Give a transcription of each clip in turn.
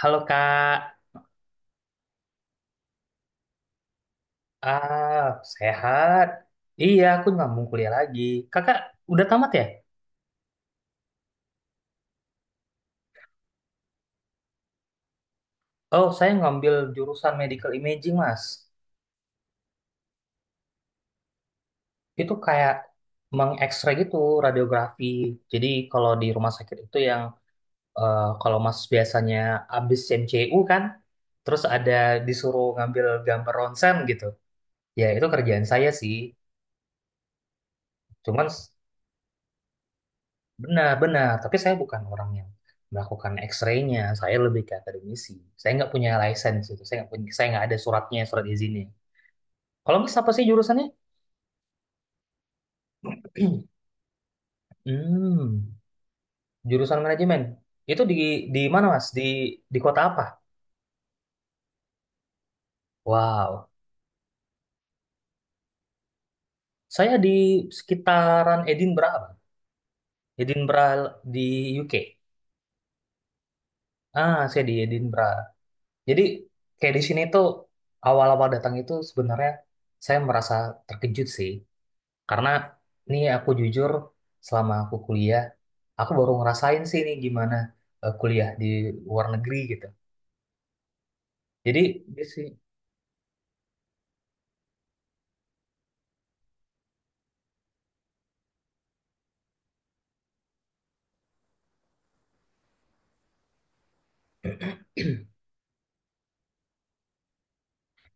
Halo Kak, ah sehat? Iya, aku ngambung kuliah lagi. Kakak udah tamat ya? Oh, saya ngambil jurusan medical imaging, Mas. Itu kayak mengekstrak gitu radiografi. Jadi kalau di rumah sakit itu yang kalau Mas biasanya abis MCU kan, terus ada disuruh ngambil gambar ronsen gitu. Ya, itu kerjaan saya sih. Cuman, benar-benar, tapi saya bukan orang yang melakukan X-ray-nya, saya lebih ke akademisi. Saya nggak punya license itu, saya nggak punya, saya nggak ada suratnya, surat izinnya. Kalau Mas apa sih jurusannya? Hmm, jurusan manajemen. Itu di mana Mas? Di kota apa? Wow, saya di sekitaran Edinburgh, Bang. Edinburgh di UK. Ah, saya di Edinburgh. Jadi kayak di sini tuh awal-awal datang itu sebenarnya saya merasa terkejut sih. Karena ini aku jujur selama aku kuliah, aku baru ngerasain sih ini gimana kuliah di luar negeri gitu. Jadi di si-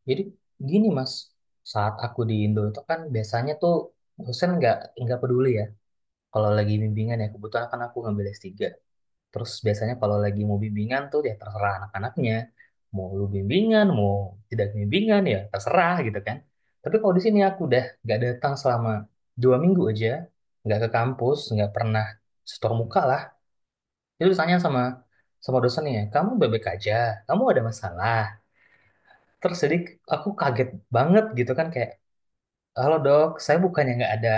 jadi gini Mas, saat aku di Indo itu kan biasanya tuh dosen nggak peduli ya kalau lagi bimbingan, ya kebetulan kan aku ngambil S3. Terus biasanya kalau lagi mau bimbingan tuh ya terserah anak-anaknya. Mau lu bimbingan, mau tidak bimbingan, ya terserah gitu kan. Tapi kalau di sini aku udah nggak datang selama 2 minggu aja, nggak ke kampus, nggak pernah setor muka lah. Itu ditanya sama sama dosennya, kamu bebek aja, kamu ada masalah? Terus jadi aku kaget banget gitu kan kayak, halo dok, saya bukannya nggak ada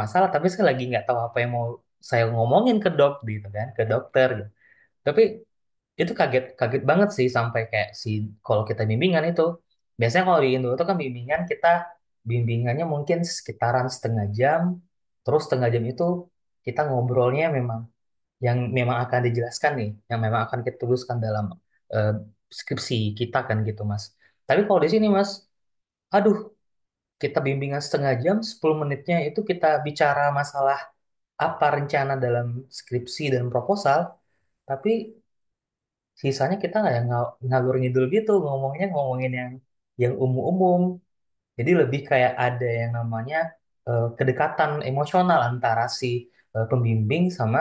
masalah, tapi saya lagi nggak tahu apa yang mau saya ngomongin ke dok gitu kan, ke dokter gitu. Tapi itu kaget kaget banget sih, sampai kayak si kalau kita bimbingan itu, biasanya kalau di Indo itu kan bimbingan kita, bimbingannya mungkin sekitaran setengah jam. Terus setengah jam itu kita ngobrolnya memang yang memang akan dijelaskan nih, yang memang akan kita tuliskan dalam eh, skripsi kita kan gitu Mas. Tapi kalau di sini Mas, aduh, kita bimbingan setengah jam, 10 menitnya itu kita bicara masalah apa, rencana dalam skripsi dan proposal. Tapi sisanya kita nggak yang ngalur ngidul gitu ngomongnya, ngomongin yang umum-umum. Jadi lebih kayak ada yang namanya kedekatan emosional antara si pembimbing sama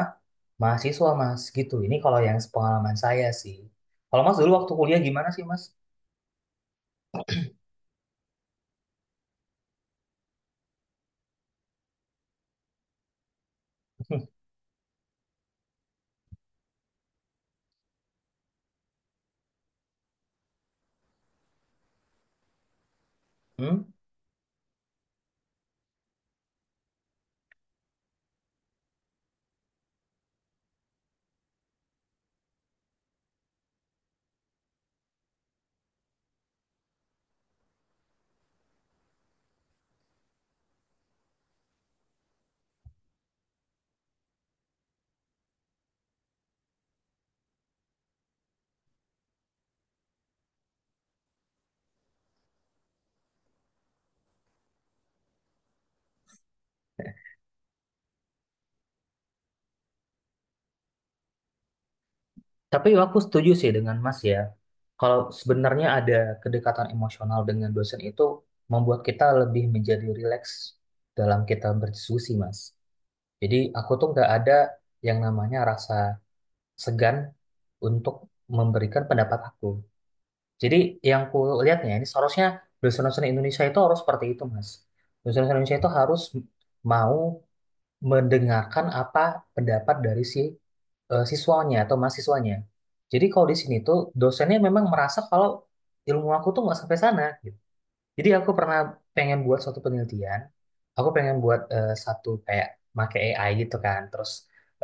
mahasiswa Mas gitu. Ini kalau yang pengalaman saya sih. Kalau Mas dulu waktu kuliah gimana sih Mas? Hmm? Tapi aku setuju sih dengan Mas ya, kalau sebenarnya ada kedekatan emosional dengan dosen itu membuat kita lebih menjadi rileks dalam kita berdiskusi Mas. Jadi aku tuh nggak ada yang namanya rasa segan untuk memberikan pendapat aku. Jadi yang ku lihatnya ini seharusnya dosen-dosen Indonesia itu harus seperti itu, Mas. Dosen-dosen Indonesia itu harus mau mendengarkan apa pendapat dari si siswanya atau mahasiswanya. Jadi kalau di sini tuh dosennya memang merasa kalau ilmu aku tuh nggak sampai sana gitu. Jadi aku pernah pengen buat suatu penelitian. Aku pengen buat satu kayak make AI gitu kan. Terus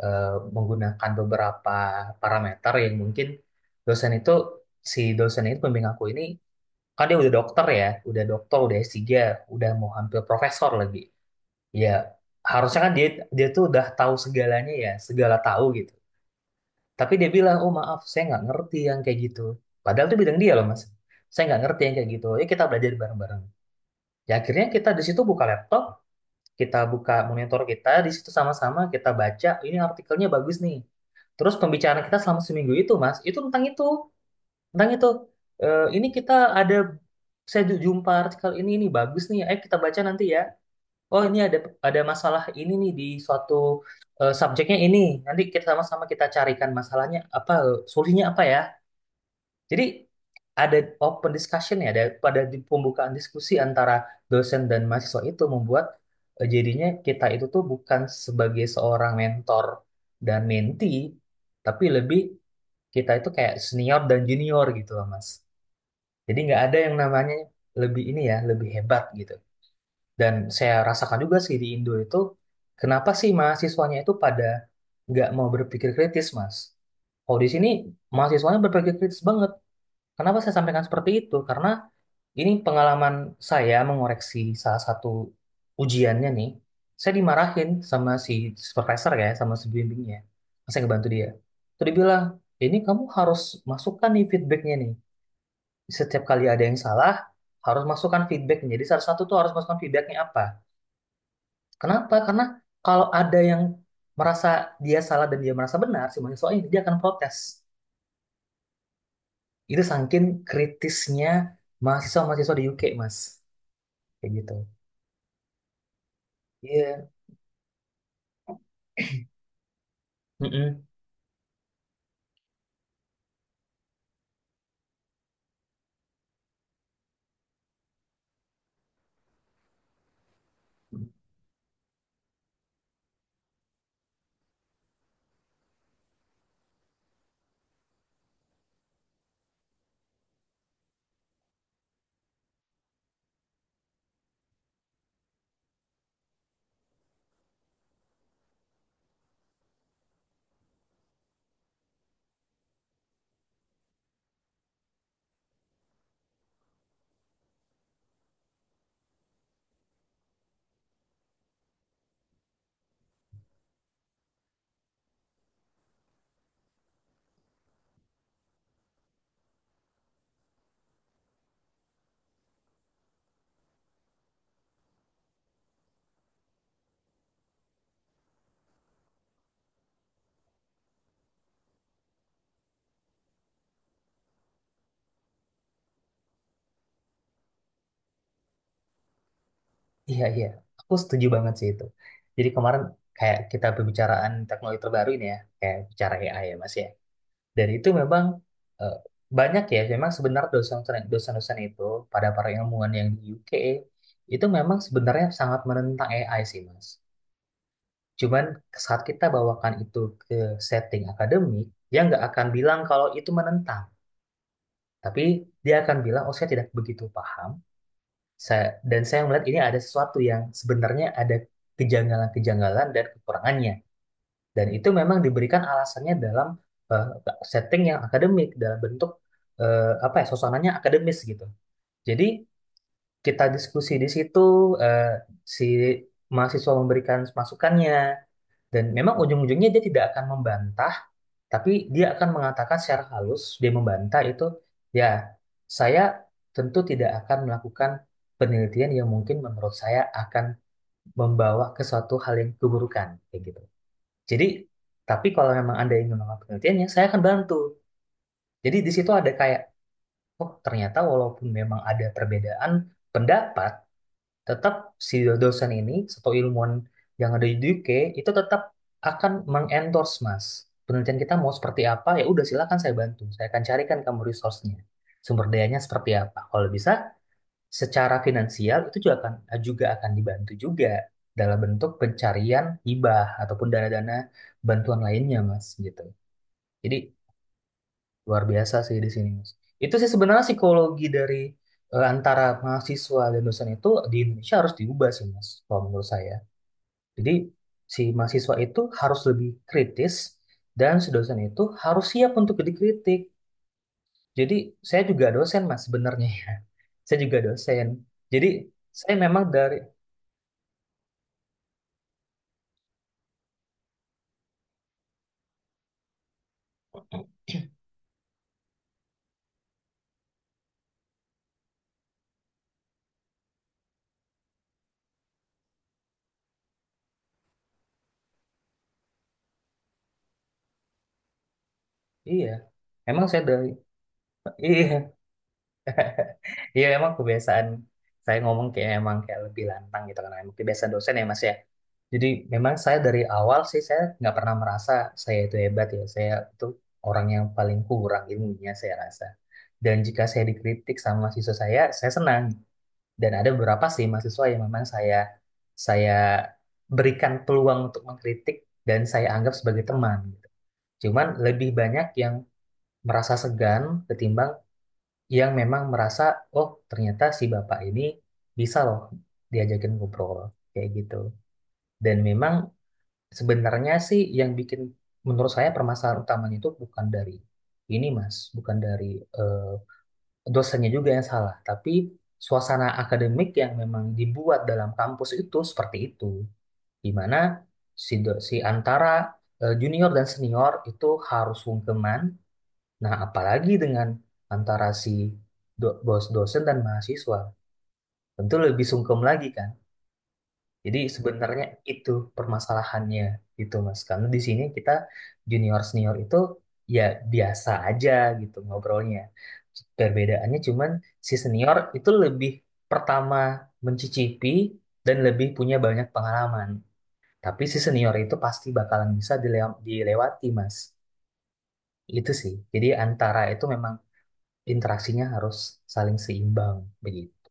eh, menggunakan beberapa parameter yang mungkin dosen itu, si dosen itu pembimbing aku ini, kan dia udah dokter ya, udah dokter, udah S3, udah mau hampir profesor lagi. Ya harusnya kan dia dia tuh udah tahu segalanya ya, segala tahu gitu. Tapi dia bilang, oh maaf, saya nggak ngerti yang kayak gitu. Padahal itu bidang dia loh Mas. Saya nggak ngerti yang kayak gitu. Ya kita belajar bareng-bareng. Ya akhirnya kita di situ buka laptop, kita buka monitor kita, di situ sama-sama kita baca, ini artikelnya bagus nih. Terus pembicaraan kita selama seminggu itu, Mas, itu tentang itu, tentang itu. Ini kita ada, saya jumpa artikel ini nih bagus nih, ayo kita baca nanti ya. Oh, ini ada masalah ini nih di suatu subjeknya ini. Nanti kita sama-sama kita carikan masalahnya apa, solusinya apa ya. Jadi ada open discussion ya, ada pada di pembukaan diskusi antara dosen dan mahasiswa itu membuat jadinya kita itu tuh bukan sebagai seorang mentor dan mentee, tapi lebih kita itu kayak senior dan junior gitu loh Mas. Jadi nggak ada yang namanya lebih ini ya, lebih hebat gitu. Dan saya rasakan juga sih di Indo itu, kenapa sih mahasiswanya itu pada nggak mau berpikir kritis Mas? Kalau di sini mahasiswanya berpikir kritis banget. Kenapa saya sampaikan seperti itu? Karena ini pengalaman saya mengoreksi salah satu ujiannya nih. Saya dimarahin sama si supervisor ya, sama si bimbingnya. Pas saya ngebantu dia. Terus dia bilang, ini kamu harus masukkan nih feedbacknya nih. Setiap kali ada yang salah, harus masukkan feedbacknya. Jadi salah satu tuh harus masukkan feedbacknya apa. Kenapa? Karena kalau ada yang merasa dia salah dan dia merasa benar, si mahasiswa ini, dia akan protes. Itu saking kritisnya mahasiswa-mahasiswa di UK, Mas. Kayak gitu. Iya, mm-mm. Iya, iya. Aku setuju banget sih itu. Jadi kemarin kayak kita pembicaraan teknologi terbaru ini ya, kayak bicara AI ya Mas ya. Dan itu memang eh, banyak ya, memang sebenarnya dosen-dosen itu pada para ilmuwan yang di UK itu memang sebenarnya sangat menentang AI sih Mas. Cuman saat kita bawakan itu ke setting akademik, dia nggak akan bilang kalau itu menentang. Tapi dia akan bilang, oh saya tidak begitu paham, saya, dan saya melihat ini ada sesuatu yang sebenarnya ada kejanggalan-kejanggalan dan kekurangannya. Dan itu memang diberikan alasannya dalam eh, setting yang akademik, dalam bentuk apa ya, suasananya akademis gitu. Jadi kita diskusi di situ, eh, si mahasiswa memberikan masukannya, dan memang ujung-ujungnya dia tidak akan membantah, tapi dia akan mengatakan secara halus, dia membantah itu, ya, saya tentu tidak akan melakukan penelitian yang mungkin menurut saya akan membawa ke suatu hal yang keburukan, kayak gitu. Jadi, tapi kalau memang Anda ingin melakukan penelitiannya, saya akan bantu. Jadi di situ ada kayak, oh ternyata walaupun memang ada perbedaan pendapat, tetap si dosen ini atau ilmuwan yang ada di UK itu tetap akan mengendorse Mas penelitian kita mau seperti apa, ya udah silakan, saya bantu, saya akan carikan kamu resource-nya, sumber dayanya seperti apa, kalau bisa secara finansial itu juga akan dibantu juga dalam bentuk pencarian hibah ataupun dana-dana bantuan lainnya Mas gitu. Jadi luar biasa sih di sini, Mas. Itu sih sebenarnya psikologi dari antara mahasiswa dan dosen itu di Indonesia harus diubah sih, Mas, kalau menurut saya. Jadi si mahasiswa itu harus lebih kritis dan si dosen itu harus siap untuk dikritik. Jadi saya juga dosen, Mas, sebenarnya ya. Saya juga dosen. Jadi saya memang dari, iya, memang saya dari, iya, iya emang kebiasaan saya ngomong kayak emang kayak lebih lantang gitu karena emang kebiasaan dosen ya Mas ya. Jadi memang saya dari awal sih saya nggak pernah merasa saya itu hebat ya. Saya itu orang yang paling kurang ilmunya saya rasa. Dan jika saya dikritik sama mahasiswa saya senang. Dan ada beberapa sih mahasiswa yang memang saya berikan peluang untuk mengkritik dan saya anggap sebagai teman gitu. Cuman lebih banyak yang merasa segan ketimbang yang memang merasa, oh ternyata si bapak ini bisa loh diajakin ngobrol kayak gitu. Dan memang sebenarnya sih yang bikin menurut saya permasalahan utamanya itu bukan dari ini Mas, bukan dari eh, dosennya juga yang salah, tapi suasana akademik yang memang dibuat dalam kampus itu seperti itu, di mana si si antara junior dan senior itu harus sungkeman. Nah, apalagi dengan antara si bos dosen dan mahasiswa, tentu lebih sungkem lagi kan. Jadi sebenarnya itu permasalahannya gitu Mas. Karena di sini kita junior senior itu ya biasa aja gitu ngobrolnya. Perbedaannya cuman si senior itu lebih pertama mencicipi dan lebih punya banyak pengalaman. Tapi si senior itu pasti bakalan bisa dilewati Mas. Itu sih. Jadi antara itu memang interaksinya harus saling seimbang begitu.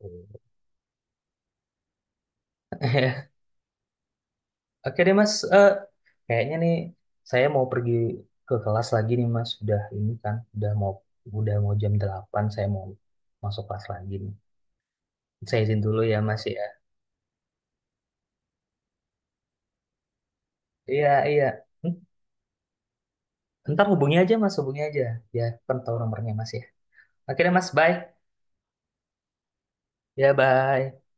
Oke deh Mas. Kayaknya nih saya mau pergi ke kelas lagi nih Mas. Udah ini kan, udah mau jam 8 saya mau masuk kelas lagi nih. Saya izin dulu ya Mas ya. Iya, iya. Hmm, ntar hubungi aja Mas, hubungi aja. Ya, kan tahu nomornya Mas ya. Oke deh Mas, bye. Ya, bye.